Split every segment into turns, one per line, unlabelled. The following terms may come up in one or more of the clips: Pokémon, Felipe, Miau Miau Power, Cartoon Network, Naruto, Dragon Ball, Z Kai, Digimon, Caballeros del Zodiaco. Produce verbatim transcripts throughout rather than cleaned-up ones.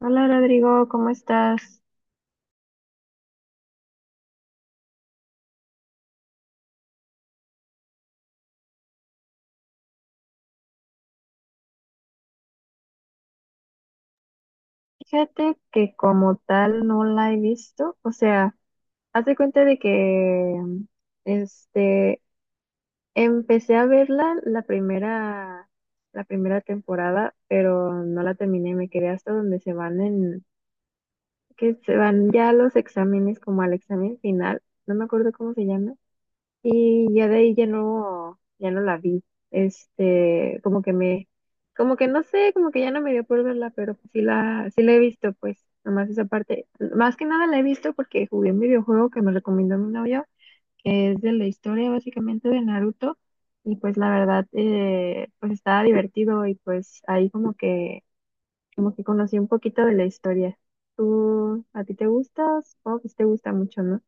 Hola Rodrigo, ¿cómo estás? Fíjate que como tal no la he visto, o sea, haz de cuenta de que mm, este empecé a verla la primera la primera temporada, pero no la terminé, me quedé hasta donde se van en que se van ya los exámenes como al examen final, no me acuerdo cómo se llama. Y ya de ahí ya no, ya no la vi. Este, como que me, como que no sé, como que ya no me dio por verla, pero pues sí la, sí la he visto, pues, nomás esa parte. Más que nada la he visto porque jugué un videojuego que me recomendó mi novio, que es de la historia básicamente de Naruto. Y pues la verdad, eh, pues estaba divertido y pues ahí como que, como que conocí un poquito de la historia. ¿Tú, a ti te gusta? Supongo que sí te gusta mucho, ¿no?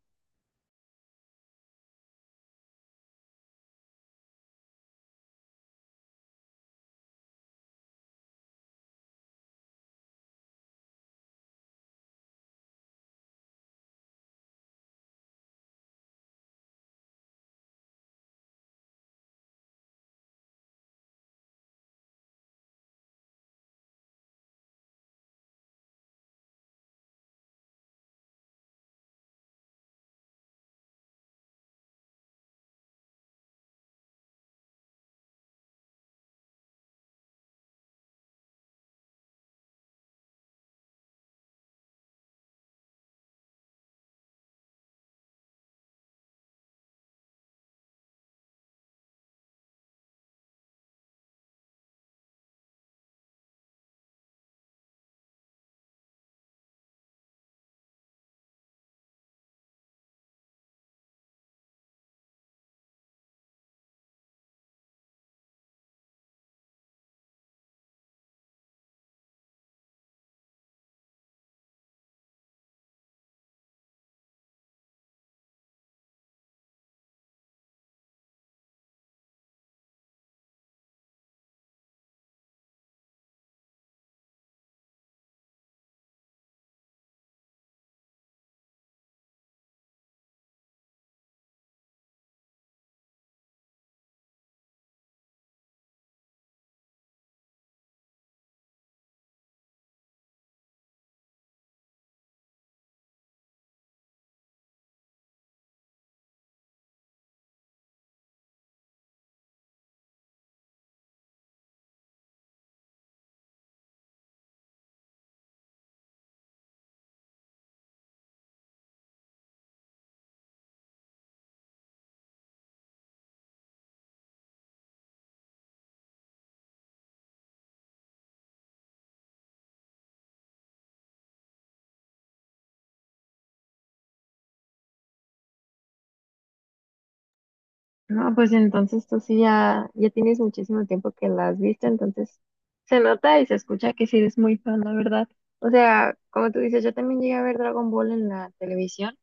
No, pues entonces tú sí ya, ya tienes muchísimo tiempo que la has visto, entonces se nota y se escucha que sí eres muy fan, la verdad. O sea, como tú dices, yo también llegué a ver Dragon Ball en la televisión,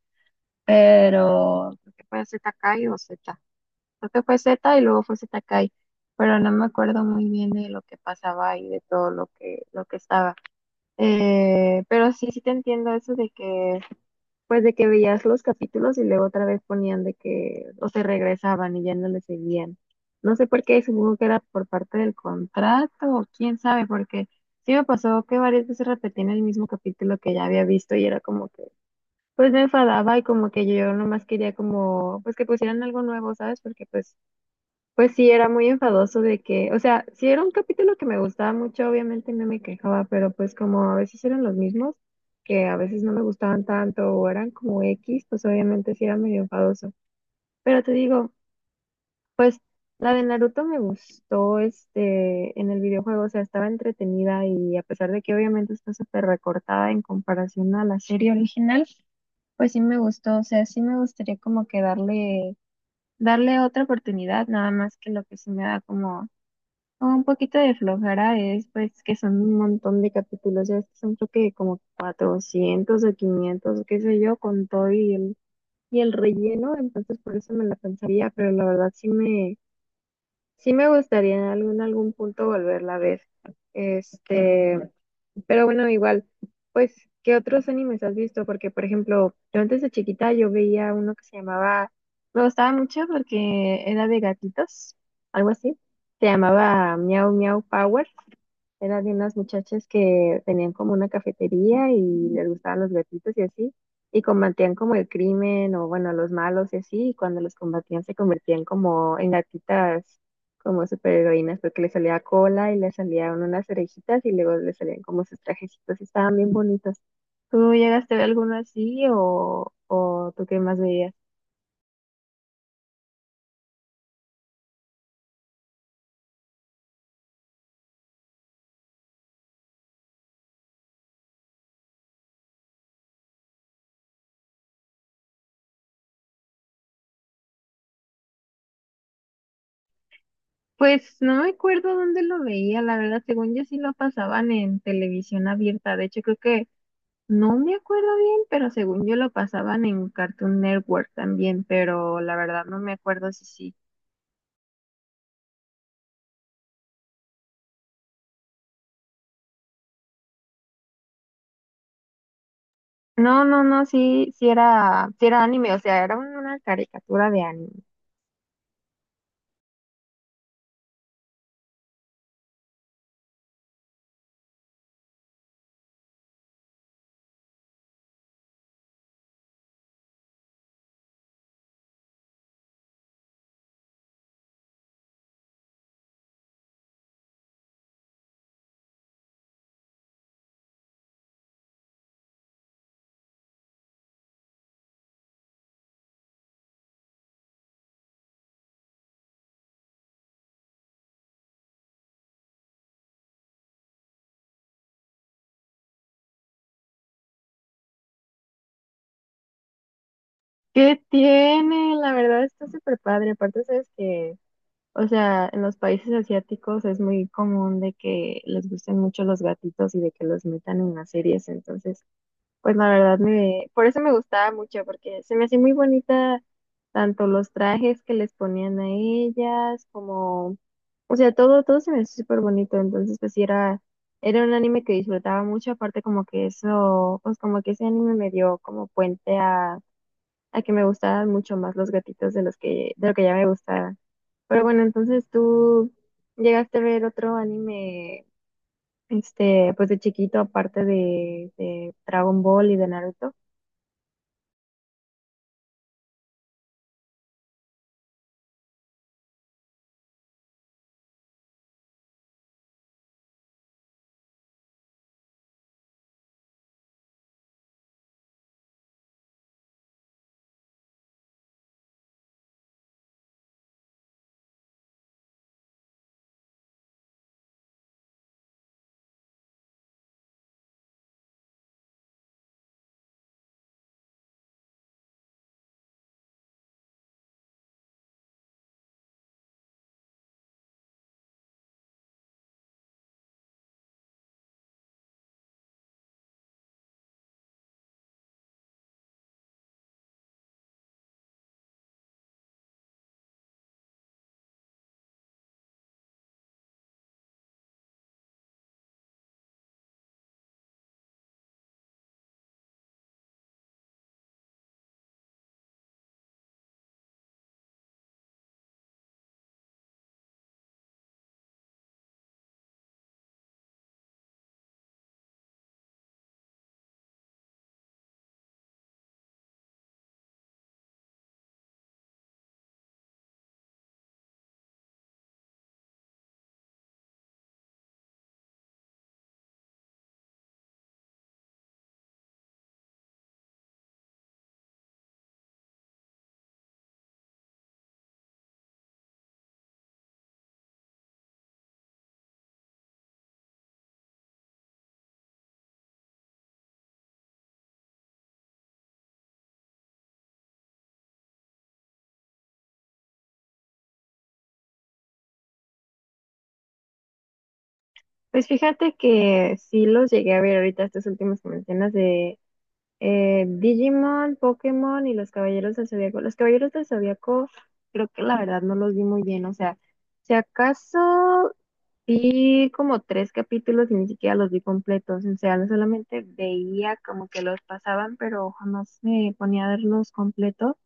pero creo que fue ZKai o Z. Creo que fue Z y luego fue Z Kai, pero no me acuerdo muy bien de lo que pasaba y de todo lo que, lo que estaba. Eh, pero sí, sí te entiendo eso de que pues de que veías los capítulos y luego otra vez ponían de que, o se regresaban y ya no le seguían. No sé por qué, supongo que era por parte del contrato o quién sabe, porque sí me pasó que varias veces repetían el mismo capítulo que ya había visto y era como que, pues me enfadaba y como que yo nomás quería como, pues que pusieran algo nuevo, ¿sabes? Porque pues pues sí, era muy enfadoso de que, o sea, sí era un capítulo que me gustaba mucho, obviamente no me quejaba, pero pues como a veces eran los mismos, que a veces no me gustaban tanto o eran como X, pues obviamente sí era medio enfadoso. Pero te digo, la de Naruto me gustó este en el videojuego, o sea, estaba entretenida y a pesar de que obviamente está súper recortada en comparación a la serie original, pues sí me gustó, o sea, sí me gustaría como que darle darle otra oportunidad, nada más que lo que sí me da como no, un poquito de flojera es pues que son un montón de capítulos, ya son creo que como cuatrocientos o quinientos, qué sé yo, con todo y el, y el relleno, entonces por eso me la pensaría, pero la verdad sí me, sí me gustaría en algún, algún punto volverla a ver. Este, pero bueno, igual, pues, ¿qué otros animes has visto? Porque, por ejemplo, yo antes de chiquita yo veía uno que se llamaba, me gustaba mucho porque era de gatitos, algo así, se llamaba Miau Miau Power, eran de unas muchachas que tenían como una cafetería y les gustaban los gatitos y así, y combatían como el crimen o bueno, los malos y así, y cuando los combatían se convertían como en gatitas, como superheroínas, porque les salía cola y les salían unas orejitas y luego les salían como sus trajecitos y estaban bien bonitos. ¿Tú llegaste a ver alguno así o, o tú qué más veías? Pues no me acuerdo dónde lo veía, la verdad, según yo sí lo pasaban en televisión abierta, de hecho creo que no me acuerdo bien, pero según yo lo pasaban en Cartoon Network también, pero la verdad no me acuerdo si sí. No, no, no, sí, sí era, sí era anime, o sea, era un- una caricatura de anime. ¿Qué tiene? La verdad está súper padre. Aparte, sabes que, o sea, en los países asiáticos es muy común de que les gusten mucho los gatitos y de que los metan en las series, entonces pues la verdad me, por eso me gustaba mucho, porque se me hacía muy bonita tanto los trajes que les ponían a ellas, como, o sea, todo, todo se me hacía súper bonito, entonces pues sí era, era un anime que disfrutaba mucho, aparte como que eso, pues como que ese anime me dio como puente a, a que me gustaban mucho más los gatitos de los que, de lo que ya me gustaban. Pero bueno, entonces tú llegaste a ver otro anime, este, pues de chiquito, aparte de, de Dragon Ball y de Naruto. Pues fíjate que sí los llegué a ver ahorita estos últimos que mencionas de eh, Digimon, Pokémon y los Caballeros del Zodiaco. Los Caballeros del Zodiaco creo que la verdad no los vi muy bien, o sea, si acaso vi como tres capítulos y ni siquiera los vi completos, o sea, no solamente veía como que los pasaban, pero jamás me ponía a verlos completos.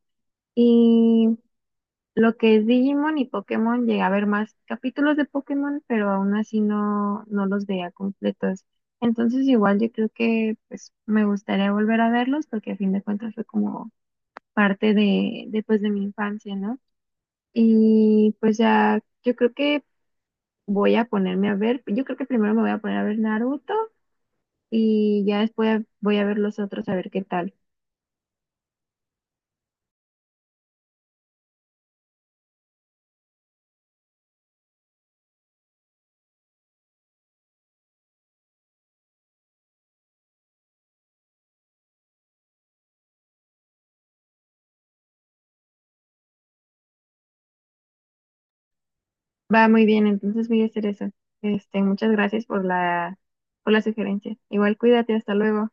Lo que es Digimon y Pokémon, llegué a ver más capítulos de Pokémon, pero aún así no, no los veía completos. Entonces igual yo creo que pues me gustaría volver a verlos porque a fin de cuentas fue como parte de, de, pues, de mi infancia, ¿no? Y pues ya yo creo que voy a ponerme a ver, yo creo que primero me voy a poner a ver Naruto y ya después voy a ver los otros a ver qué tal. Va muy bien, entonces voy a hacer eso. Este, muchas gracias por la, por la sugerencia. Igual cuídate, hasta luego.